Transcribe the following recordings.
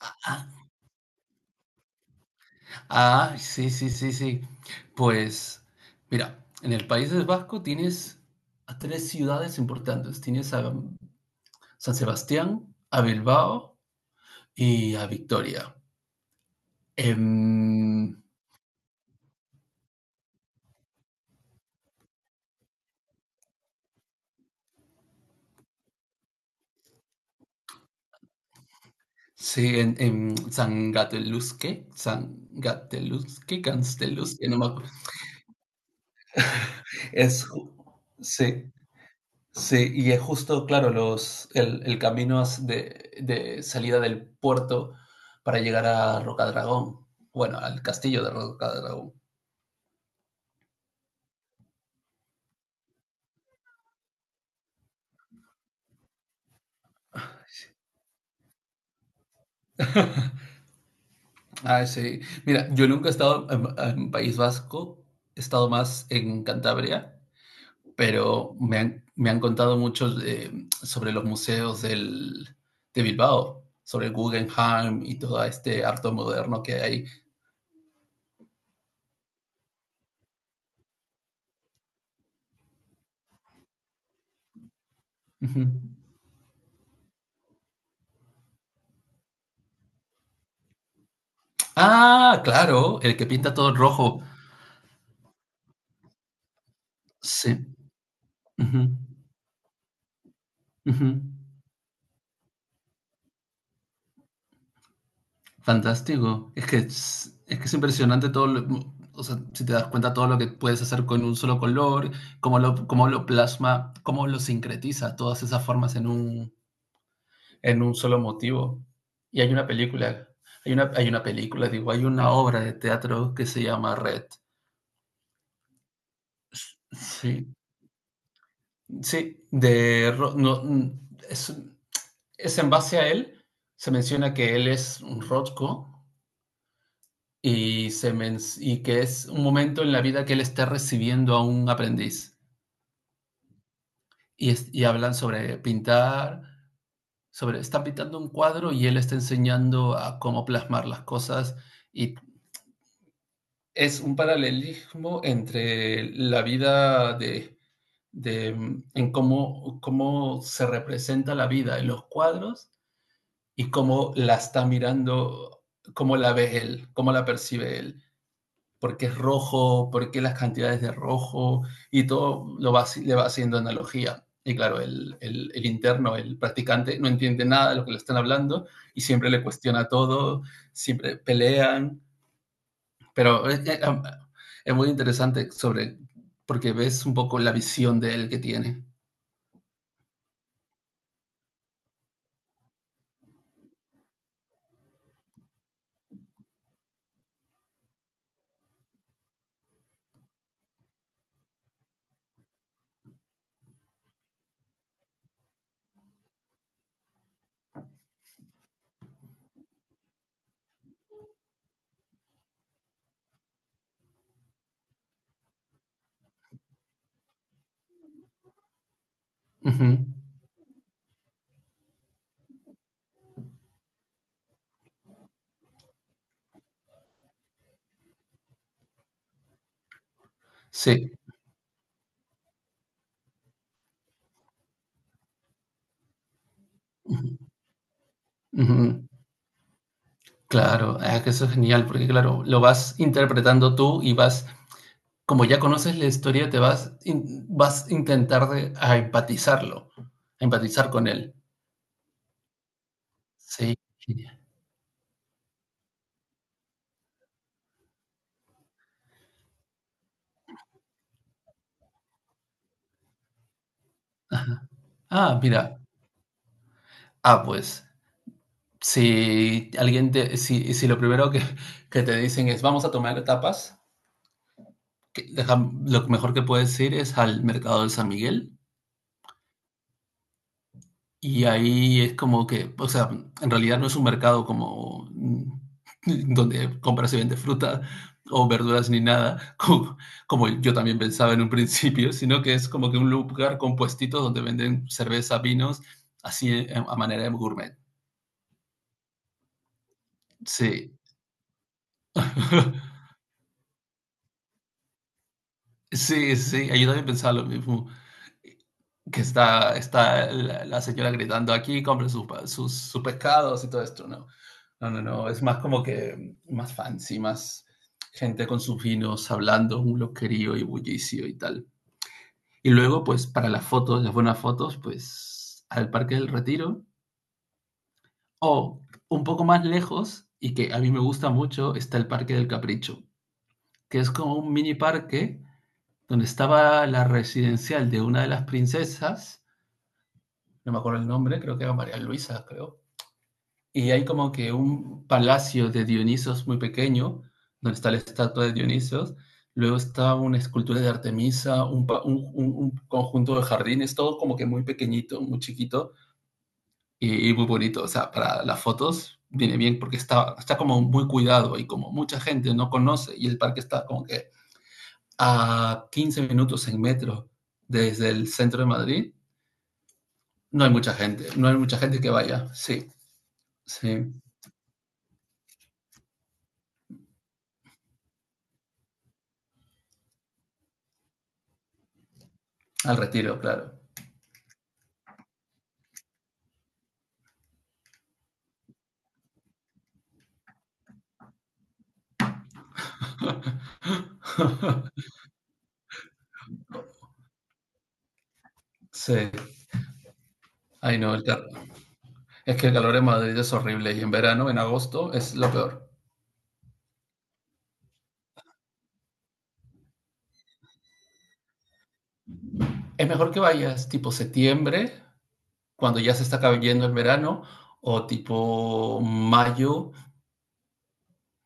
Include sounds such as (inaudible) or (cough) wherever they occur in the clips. Ah, ah, sí, sí, sí, sí. Pues, mira, en el País Vasco tienes a tres ciudades importantes. Tienes a San Sebastián, a Bilbao y a Victoria. Em, sí, en San Gateluzque, San Gateluzque, Gansteluzque, no me acuerdo. Es, ju- sí, Sí, y es justo, claro, el camino de salida del puerto para llegar a Rocadragón. Bueno, al castillo de Rocadragón. Ah, sí. Mira, yo nunca he estado en País Vasco, he estado más en Cantabria, pero me han contado mucho sobre los museos de Bilbao, sobre el Guggenheim y todo este arte moderno que hay. Ujú. Ah, claro, el que pinta todo en rojo. Sí. Ujú, ujú. Fantástico. Es que es impresionante todo lo, o sea, si te das cuenta todo lo que puedes hacer con un solo color, cómo lo plasma, cómo lo sincretiza todas esas formas en en un solo motivo. Y hay una película, hay una película, digo, hay una obra de teatro que se llama Red. Sí, sí, de Ro- no, mm, es, es en base a él, se menciona que él es un Rothko y, y que es un momento en la vida que él está recibiendo a un aprendiz. Y hablan sobre pintar, sobre, están pintando un cuadro y él está enseñando a cómo plasmar las cosas. Y es un paralelismo entre la vida de en cómo, cómo se representa la vida en los cuadros y cómo la está mirando, cómo la ve él, cómo la percibe él. Por qué es rojo, por qué las cantidades de rojo, y todo lo va, le va haciendo analogía. Y claro, interno, el practicante, no entiende nada de lo que le están hablando y siempre le cuestiona todo, siempre pelean, pero es, es muy interesante sobre, porque ves un poco la visión de él que tiene. Ujú. Sí. Ujú, ujú. Claro, ah, que eso es genial, porque claro, lo vas interpretando tú y vas como ya conoces la historia, vas a a empatizarlo, a empatizar con él. Sí. Ah, mira. Ah, pues, si lo primero que te dicen es vamos a tomar tapas, que deja- lo mejor que puedes ir es al mercado de San Miguel. Y ahí es como que, o sea, en realidad no es un mercado como, (laughs) donde compras y vendes fruta o verduras ni nada, (laughs) como yo también pensaba en un principio, sino que es como que un lugar con puestitos donde venden cerveza, vinos, así a manera de gourmet. Sí, (laughs) sí, ahí yo también pensaba lo mismo. Que está, la señora gritando aquí, compre sus pescados y todo esto, ¿no? No, es más como que más fancy, más gente con sus vinos hablando, un loquerío y bullicio y tal. Y luego, pues para las fotos, las buenas fotos, pues al Parque del Retiro, o un poco más lejos y que a mí me gusta mucho está el Parque del Capricho, que es como un mini parque donde estaba la residencial de una de las princesas, no me acuerdo el nombre, creo que era María Luisa, creo. Y hay como que un palacio de Dionisos muy pequeño, donde está la estatua de Dionisos. Luego está una escultura de Artemisa, un, pa- un conjunto de jardines, todo como que muy pequeñito, muy chiquito y muy bonito. O sea, para las fotos viene bien porque está como muy cuidado y como mucha gente no conoce y el parque está como que a 15 minutos en metro desde el centro de Madrid. No hay mucha gente, no hay mucha gente que vaya. Sí, sí, al Retiro, claro. (laughs) Sí, ay no, es que el calor en Madrid es horrible y en verano, en agosto, es lo peor. Es mejor que vayas tipo septiembre, cuando ya se está cayendo el verano, o tipo mayo,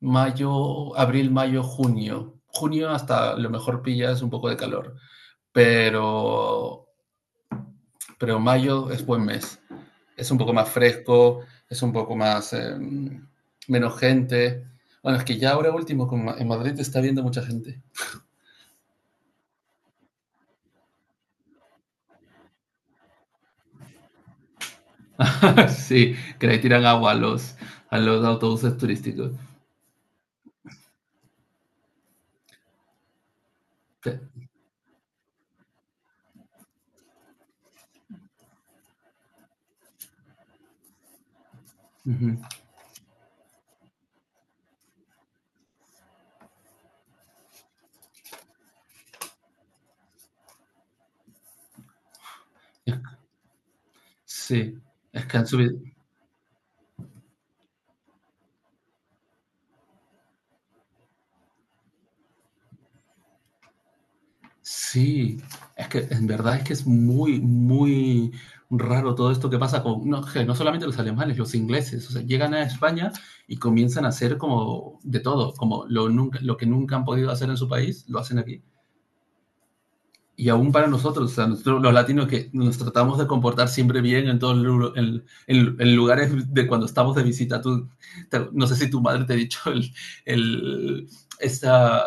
mayo, junio. Junio hasta a lo mejor pillas un poco de calor, pero mayo es buen mes. Es un poco más fresco, es un poco más menos gente. Bueno, es que ya ahora último en Madrid está viendo mucha gente. (laughs) Sí, que le tiran agua a los autobuses turísticos. Sí. Uh -huh. Sí, es que han subido. Sí, es que en verdad es que es muy, muy raro todo esto que pasa con, no, que no solamente los alemanes, los ingleses, o sea, llegan a España y comienzan a hacer como de todo, como lo que nunca han podido hacer en su país, lo hacen aquí. Y aún para nosotros, o sea, nosotros, los latinos que nos tratamos de comportar siempre bien en todos los en lugares de cuando estamos de visita. No sé si tu madre te ha dicho el esta,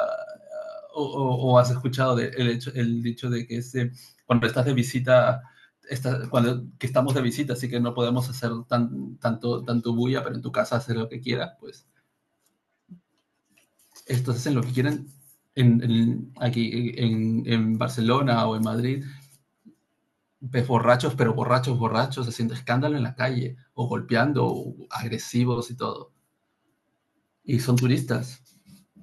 o, has escuchado de, el, hecho, el dicho de que cuando estás de visita, cuando que estamos de visita, así que no podemos hacer tanto bulla, pero en tu casa hacer lo que quieras, pues estos hacen lo que quieren aquí en Barcelona o en Madrid ves borrachos, pero borrachos, borrachos, haciendo escándalo en la calle, o golpeando, o agresivos y todo. Y son turistas,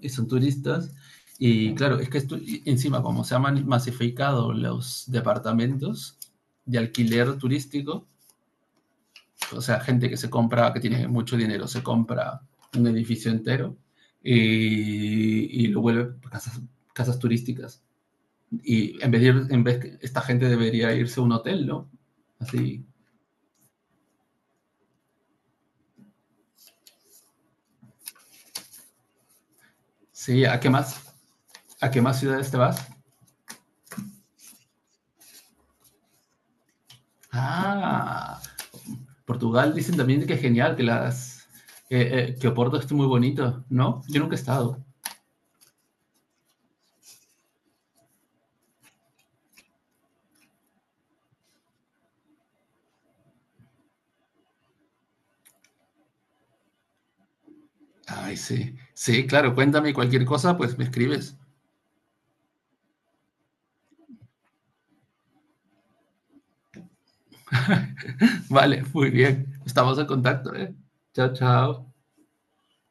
y son turistas. Y claro, y encima, como se han masificado los departamentos de alquiler turístico, o sea, gente que se compra, que tiene mucho dinero, se compra un edificio entero y lo vuelve casas, casas turísticas. Y en vez, esta gente debería irse a un hotel, ¿no? Así, sí, ¿a qué más? ¿A qué más ciudades te vas? Ah, Portugal dicen también que es genial, que las que Oporto es muy bonito, ¿no? Yo nunca he estado. Ay, sí. Sí, claro, cuéntame cualquier cosa, pues me escribes. Vale, muy bien. Estamos en contacto, ¿eh? Chao, chao.